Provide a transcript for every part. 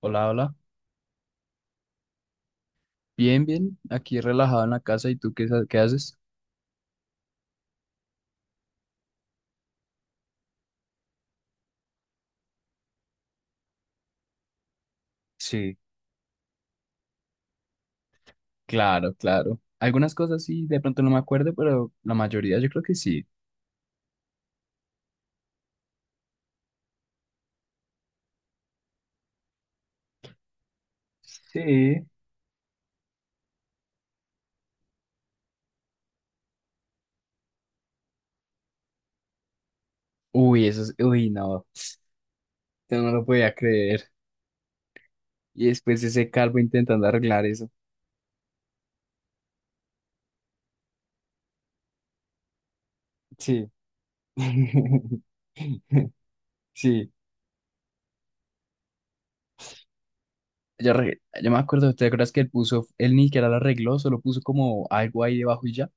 Hola, hola. Bien, bien. Aquí relajado en la casa. ¿Y tú qué, qué haces? Sí, claro, claro. Algunas cosas sí, de pronto no me acuerdo, pero la mayoría yo creo que sí. Sí. Uy, eso es... Uy, no. Yo no lo podía creer. Y después ese calvo intentando arreglar eso. Sí. Sí. Yo, yo me acuerdo. ¿Te acuerdas que él puso... Él ni siquiera lo arregló, solo puso como algo ahí debajo y ya?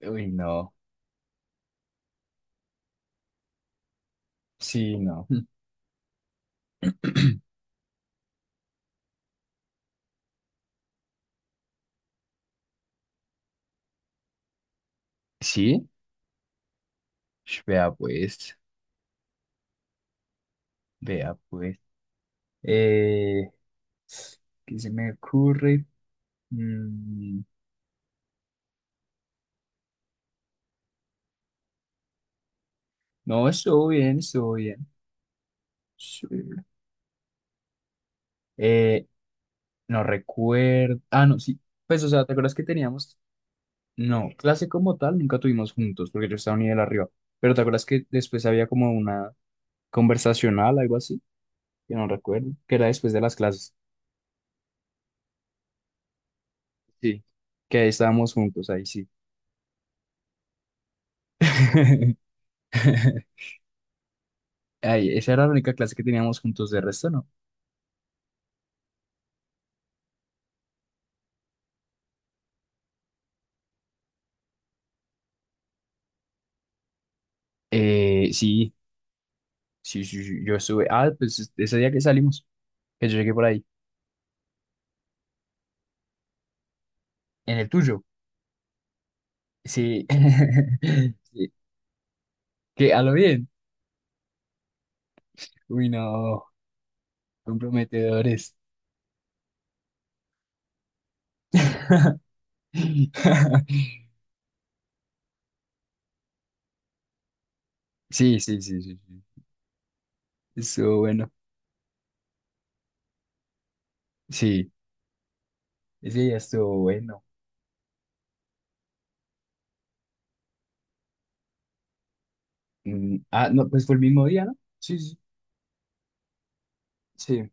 Uy, no. Sí, no. Sí. Sh, vea pues. Vea pues. Eh, ¿Qué se me ocurre? Mm, no, estuvo bien, estuvo bien. Sí. Eh, no recuerdo. Ah, no, sí. Pues, o sea, ¿te acuerdas que teníamos? No, clase como tal nunca tuvimos juntos porque yo estaba un nivel arriba. Pero ¿te acuerdas que después había como una conversacional, algo así? Que no recuerdo. Que era después de las clases. Sí. Que ahí estábamos juntos, ahí sí. Ay, esa era la única clase que teníamos juntos, de resto no. Sí. Sí, sí, sí, yo estuve. Ah, pues ese día que salimos, que yo llegué por ahí, en el tuyo. Sí, sí. Que a lo bien. Uy, no, comprometedores. Sí, sí, sí, sí, sí. Estuvo bueno. Sí, ese día estuvo bueno. Ah, no, pues fue el mismo día, ¿no? Sí, sí, sí,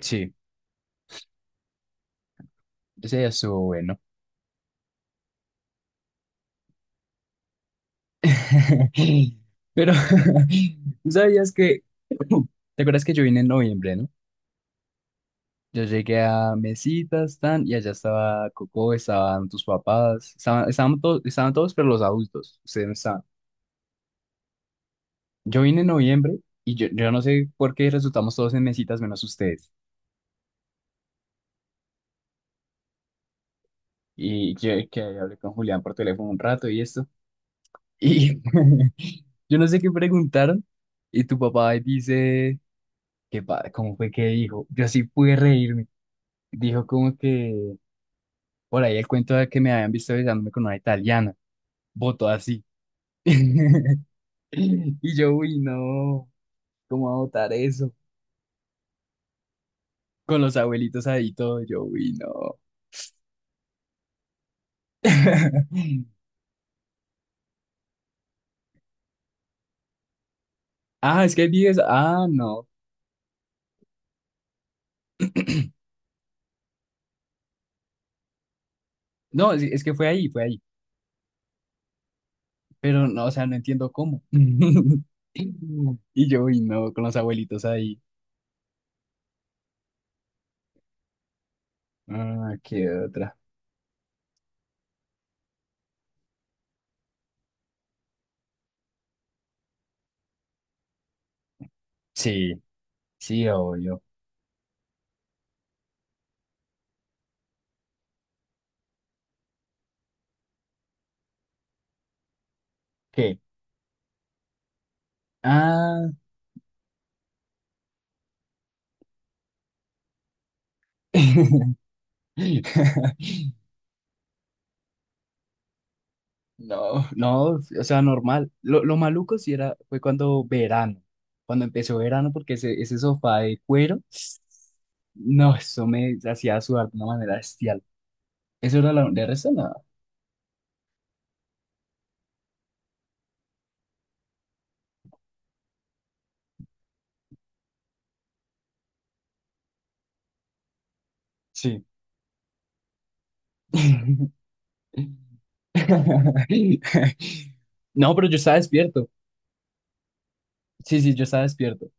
sí, ese día estuvo bueno. Pero, ¿tú sabías que? ¿Te acuerdas que yo vine en noviembre, no? Yo llegué a mesitas, tan, y allá estaba Coco, estaban tus papás, estaban, estaban, estaban todos, pero los adultos, ustedes no estaban. Yo vine en noviembre y yo no sé por qué resultamos todos en mesitas menos ustedes. Y yo, que hablé con Julián por teléfono un rato y esto. Y yo no sé qué preguntaron. Y tu papá ahí dice, ¿qué pa ¿cómo fue que dijo? Yo sí pude reírme. Dijo como que por ahí el cuento de que me habían visto besándome con una italiana. Votó así. Y yo, uy, no, ¿cómo va a votar eso? Con los abuelitos ahí todo, yo, uy, no. Ah, es que hay videos, ah, no. No, es que fue ahí, fue ahí. Pero no, o sea, no entiendo cómo. Y yo, uy, no, con los abuelitos ahí. Ah, qué otra. Sí, sí, obvio. ¿Qué? Ah. No, no, o sea, normal. Lo maluco sí era, fue cuando verano, cuando empezó verano, porque ese sofá de cuero, no, eso me hacía sudar de una manera bestial. Eso era la de resto, nada. Sí. No, pero yo estaba despierto. Sí, sí, yo estaba despierto.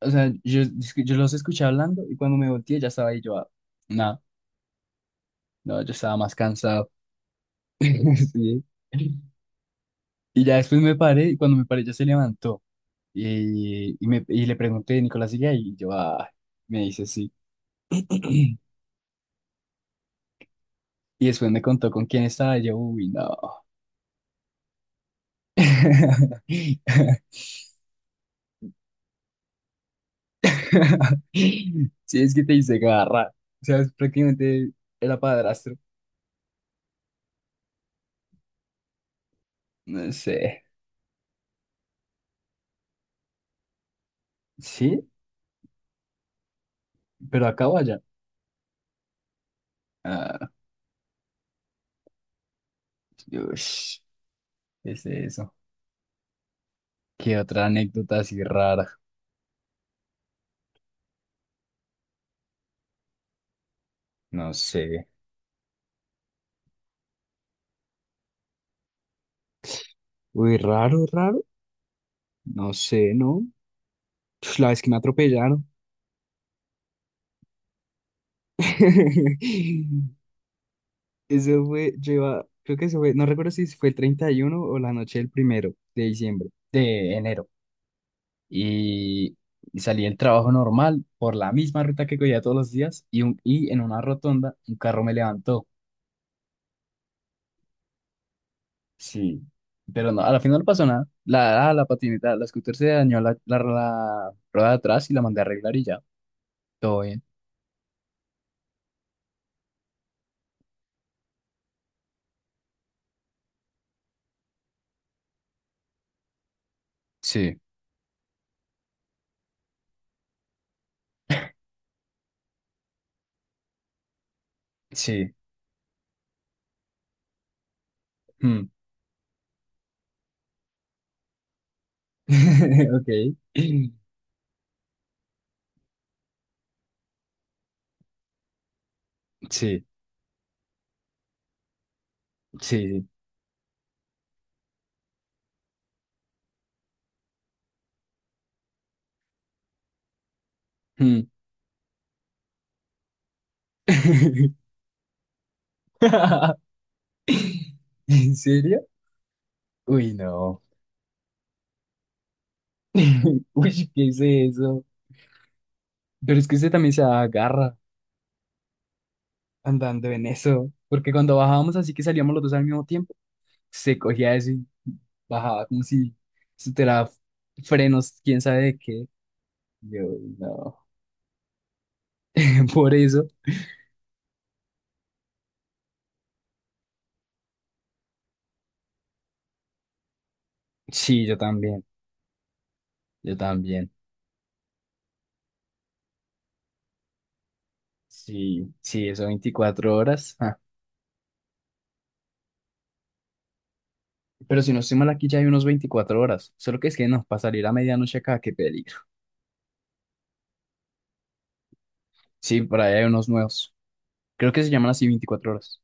O sea, yo, es que yo los escuché hablando y cuando me volteé ya estaba ahí yo, ah, no, no, yo estaba más cansado. Sí. Y ya después me paré y cuando me paré ya se levantó. Y le pregunté, Nicolás sigue ahí, y yo, ah, me dice sí. Y después me contó con quién estaba, y yo, uy, no. Sí, es que te hice garra. O sea, es prácticamente era padrastro. No sé. Sí, pero acá o allá. Ah, ush, ¿qué es eso? ¿Qué otra anécdota así rara? No sé. Uy, raro, raro. No sé, ¿no? Uf, la vez que me atropellaron. Eso fue, lleva creo que eso fue, no recuerdo si fue el 31 o la noche del primero de diciembre, de enero. Y salí del trabajo normal por la misma ruta que cogía todos los días y, un, y en una rotonda un carro me levantó. Sí, pero no, a la final no pasó nada. La, ah, la patineta, la scooter se dañó la rueda de atrás y la mandé a arreglar y ya. Todo bien. Sí, sí. Mm. Ok. Sí, sí, sí. Mm. ¿En serio? Uy, no. Uy, ¿qué es eso? Pero es que usted también se agarra andando en eso. Porque cuando bajábamos así que salíamos los dos al mismo tiempo, se cogía eso y bajaba como si se tuviera frenos, quién sabe de qué. Yo, no. Por eso. Sí, yo también. Yo también. Sí, sí, eso 24 horas. Ah. Pero si no estoy mal aquí ya hay unos 24 horas. Solo que es que no, para salir a medianoche acá, qué peligro. Sí, por ahí hay unos nuevos. Creo que se llaman así 24 horas.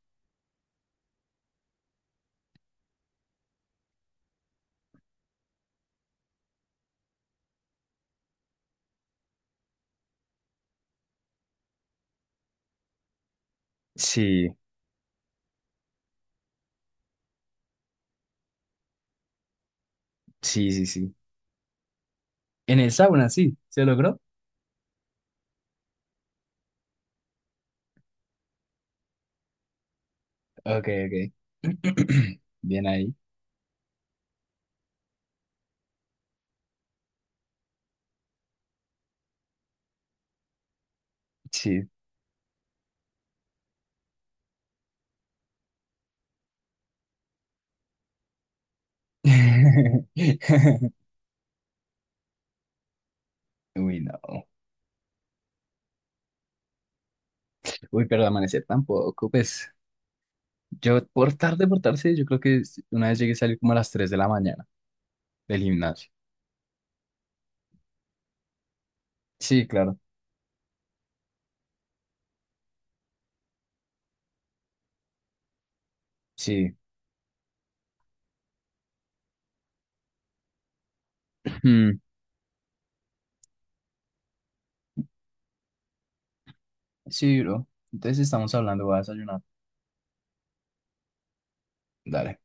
Sí. Sí, sí, sí. En el sauna, sí. ¿Se logró? Ok, ok. Bien ahí. Sí. Uy, no. Uy, pero amanecer tampoco. Pues yo por tarde, yo creo que una vez llegué a salir como a las 3 de la mañana del gimnasio. Sí, claro. Sí. Mm. Sí, bro. Entonces estamos hablando, voy a desayunar. Dale.